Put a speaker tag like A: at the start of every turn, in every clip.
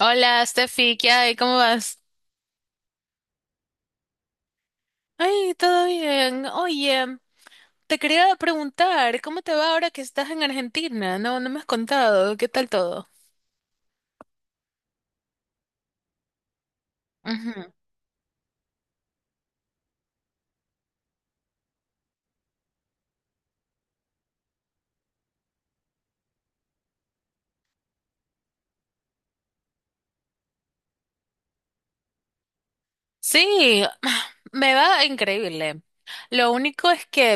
A: Hola, Steffi, ¿qué hay? ¿Cómo vas? Ay, todo bien. Oye, te quería preguntar, ¿cómo te va ahora que estás en Argentina? No, no me has contado. ¿Qué tal todo? Ujú. Sí, me va increíble. Lo único es que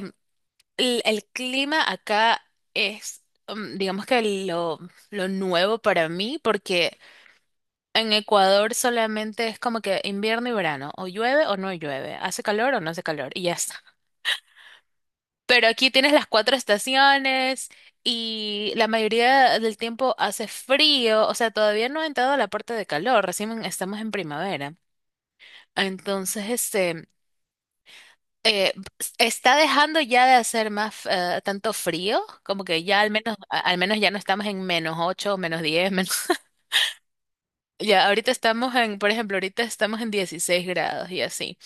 A: el clima acá es, digamos que lo, lo nuevo para mí, porque en Ecuador solamente es como que invierno y verano, o llueve o no llueve, hace calor o no hace calor, y ya está. Pero aquí tienes las cuatro estaciones y la mayoría del tiempo hace frío, o sea, todavía no ha entrado a la parte de calor, recién estamos en primavera. Entonces, este, eh, está dejando ya de hacer más tanto frío, como que ya al menos, al menos ya no estamos en -8, -10, menos... Ya, por ejemplo, ahorita estamos en 16 grados y así.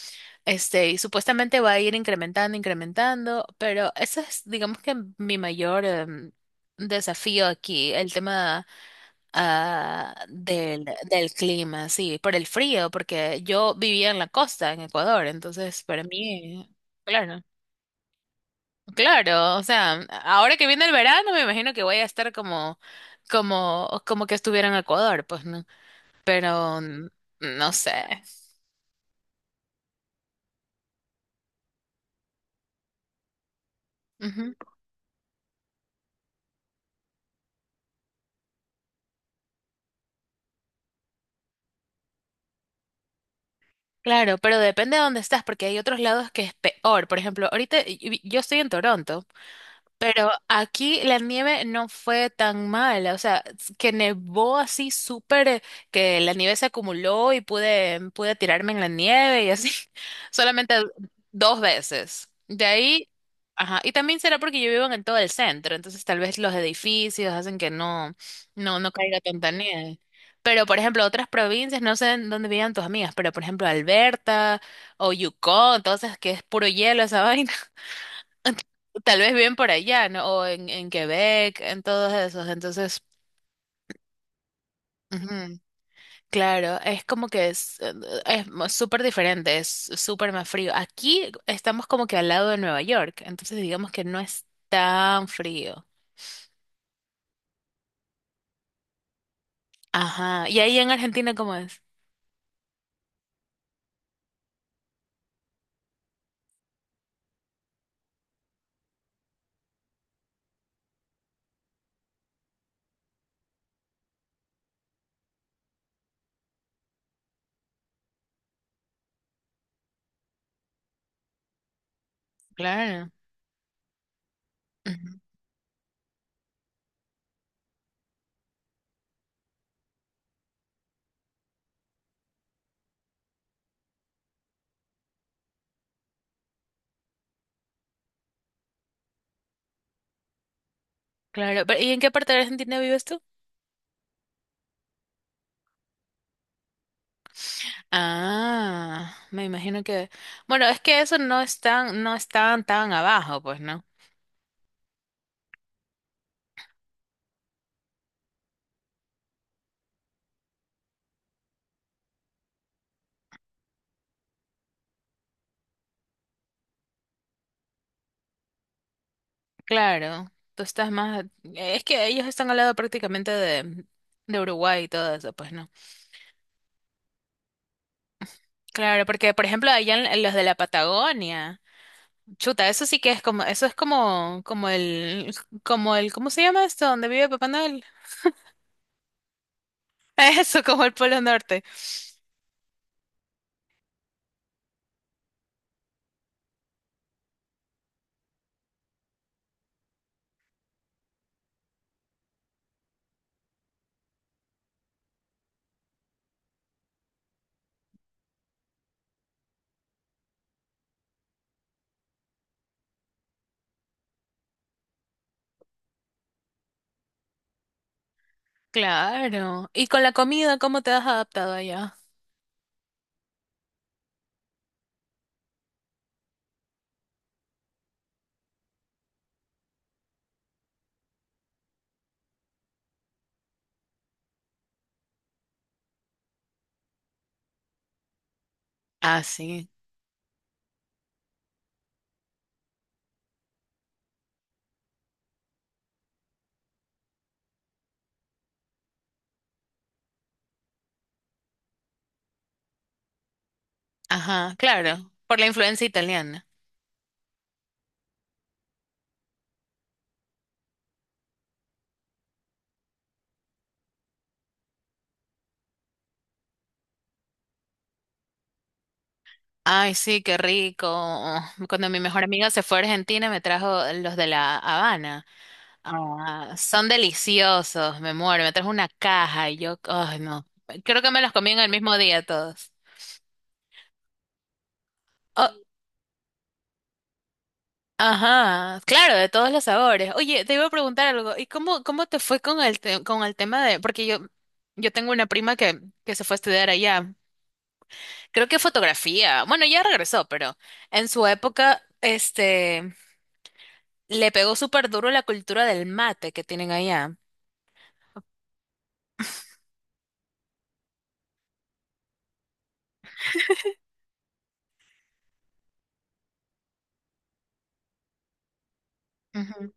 A: Este, y supuestamente va a ir incrementando, incrementando, pero ese es, digamos que mi mayor desafío aquí, el tema ah, del, del clima, sí, por el frío, porque yo vivía en la costa, en Ecuador, entonces para mí, claro, claro, o sea, ahora que viene el verano, me imagino que voy a estar como que estuviera en Ecuador, pues no, pero no sé. Claro, pero depende de dónde estás, porque hay otros lados que es peor. Por ejemplo, ahorita yo estoy en Toronto. Pero aquí la nieve no fue tan mala, o sea, que nevó así súper, que la nieve se acumuló y pude tirarme en la nieve y así, solamente dos veces. De ahí, ajá, y también será porque yo vivo en todo el centro, entonces tal vez los edificios hacen que no, no, no caiga tanta nieve. Pero, por ejemplo, otras provincias, no sé en dónde vivían tus amigas, pero, por ejemplo, Alberta o Yukon, entonces que es puro hielo esa vaina. Tal vez bien por allá, ¿no? O en Quebec, en todos esos. Entonces, ujú, claro, es como que es súper diferente, es súper más frío. Aquí estamos como que al lado de Nueva York, entonces digamos que no es tan frío. Ajá. ¿Y ahí en Argentina cómo es? Claro. Ujú. Claro. Pero, ¿y en qué parte de Argentina vives tú? Ah, me imagino que... Bueno, es que eso no es tan, tan abajo, pues, ¿no? Claro, tú estás más... Es que ellos están al lado prácticamente de Uruguay y todo eso, pues no. Claro, porque por ejemplo allá en los de la Patagonia, chuta, eso sí que es como, eso es como, como el, ¿cómo se llama esto? ¿Donde vive Papá Noel? Eso, como el Polo Norte. Claro. ¿Y con la comida, cómo te has adaptado allá? Ah, sí. Ajá, claro, por la influencia italiana. Ay, sí, qué rico. Cuando mi mejor amiga se fue a Argentina, me trajo los de La Habana. Ah, son deliciosos, me muero. Me trajo una caja y yo, ay, no. Creo que me los comí en el mismo día todos. Oh, ajá, claro, de todos los sabores. Oye, te iba a preguntar algo. ¿Y cómo te fue con con el tema de, porque yo tengo una prima que se fue a estudiar allá. Creo que fotografía. Bueno, ya regresó, pero en su época, este, le pegó súper duro la cultura del mate que tienen allá. Ujú.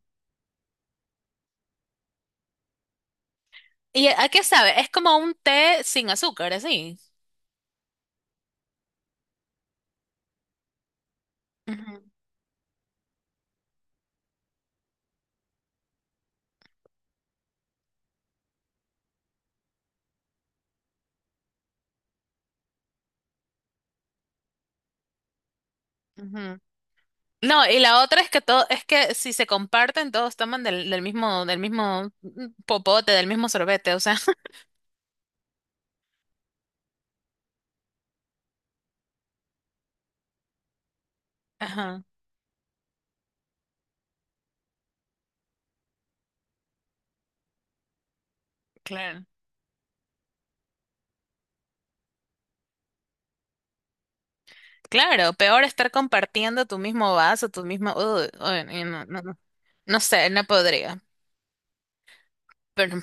A: ¿Y a qué sabe? Es como un té sin azúcar, así. Ujú. No, y la otra es que todo, es que si se comparten, todos toman del mismo, del mismo popote, del mismo sorbete, o sea. Ajá, claro. Claro, peor estar compartiendo tu mismo vaso, tu mismo, uy, uy, no, no, no. No, no sé, no podría. Pero,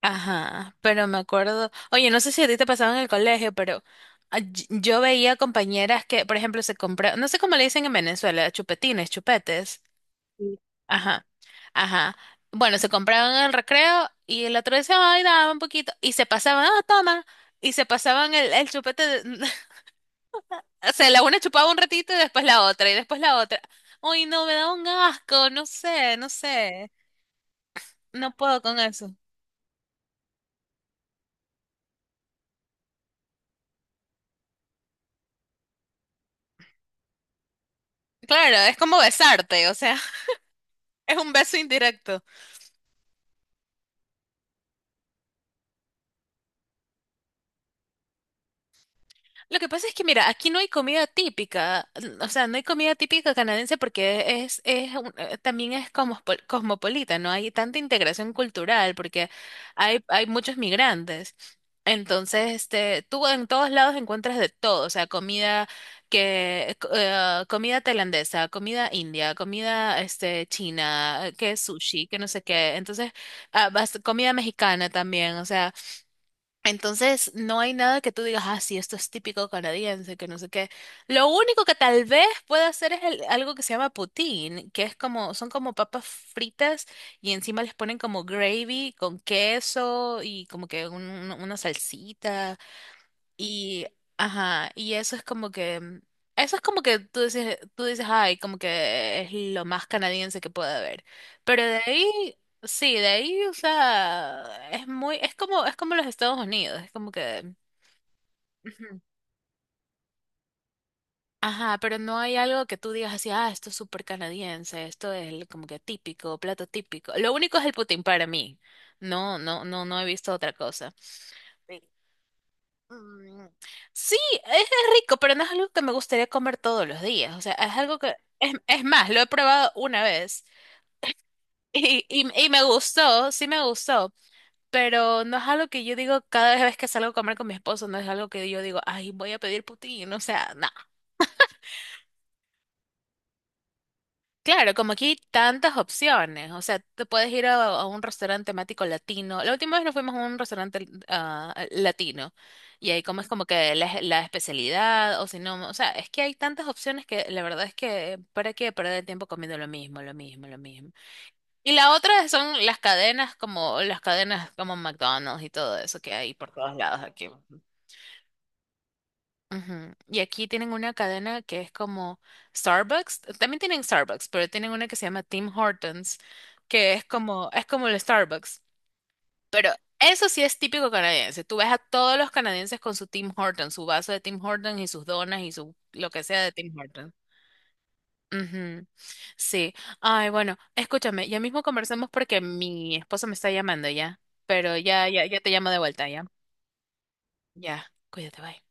A: ajá, pero me acuerdo. Oye, no sé si a ti te pasaba en el colegio, pero yo veía compañeras que, por ejemplo, se compraban, no sé cómo le dicen en Venezuela, chupetines, chupetes. Ajá, ajá. Bueno, se compraban en el recreo y el otro decía, ay, dame un poquito. Y se pasaban, ah, toma. Y se pasaban el chupete. O sea, la una chupaba un ratito y después la otra y después la otra. Uy, no, me da un asco, no sé, no sé. No puedo con eso. Claro, es como besarte, o sea, es un beso indirecto. Lo que pasa es que, mira, aquí no hay comida típica, o sea, no hay comida típica canadiense porque es también es cosmopolita, no hay tanta integración cultural porque hay muchos migrantes. Entonces, este, tú en todos lados encuentras de todo, o sea, comida tailandesa, comida india, comida, este, china, que es sushi, que no sé qué. Entonces, comida mexicana también, o sea. Entonces, no hay nada que tú digas, ah, sí, esto es típico canadiense, que no sé qué. Lo único que tal vez pueda hacer es algo que se llama poutine, que son como papas fritas y encima les ponen como gravy con queso y como que una salsita. Y, ajá, y eso es como que, mm, eso es como que tú dices, ay, como que es lo más canadiense que puede haber. Pero de ahí, sí, de ahí, o sea, es como los Estados Unidos, es como que, ujú, ajá, pero no hay algo que tú digas así, ah, esto es súper canadiense, esto es como que típico, plato típico. Lo único es el poutine para mí. No, no, no, no he visto otra cosa. Mm, sí, es rico, pero no es algo que me gustaría comer todos los días. O sea, es algo que, es más, lo he probado una vez y me gustó, sí me gustó, pero no es algo que yo digo cada vez que salgo a comer con mi esposo, no es algo que yo digo, ay, voy a pedir putín, o sea, no. Claro, como aquí hay tantas opciones, o sea, te puedes ir a un restaurante temático latino. La última vez nos fuimos a un restaurante latino y ahí comes como que la especialidad o si no, o sea, es que hay tantas opciones que la verdad es que para qué perder el tiempo comiendo lo mismo, lo mismo, lo mismo. Y la otra son las cadenas como McDonald's y todo eso que hay por todos lados aquí. Ujú. Y aquí tienen una cadena que es como Starbucks. También tienen Starbucks, pero tienen una que se llama Tim Hortons, que es como el Starbucks. Pero eso sí es típico canadiense. Tú ves a todos los canadienses con su Tim Hortons, su vaso de Tim Hortons y sus donas y su lo que sea de Tim Hortons. Ujú. Sí. Ay, bueno, escúchame, ya mismo conversamos porque mi esposo me está llamando ya. Pero ya, ya, ya te llamo de vuelta, ya. Ya, cuídate, bye.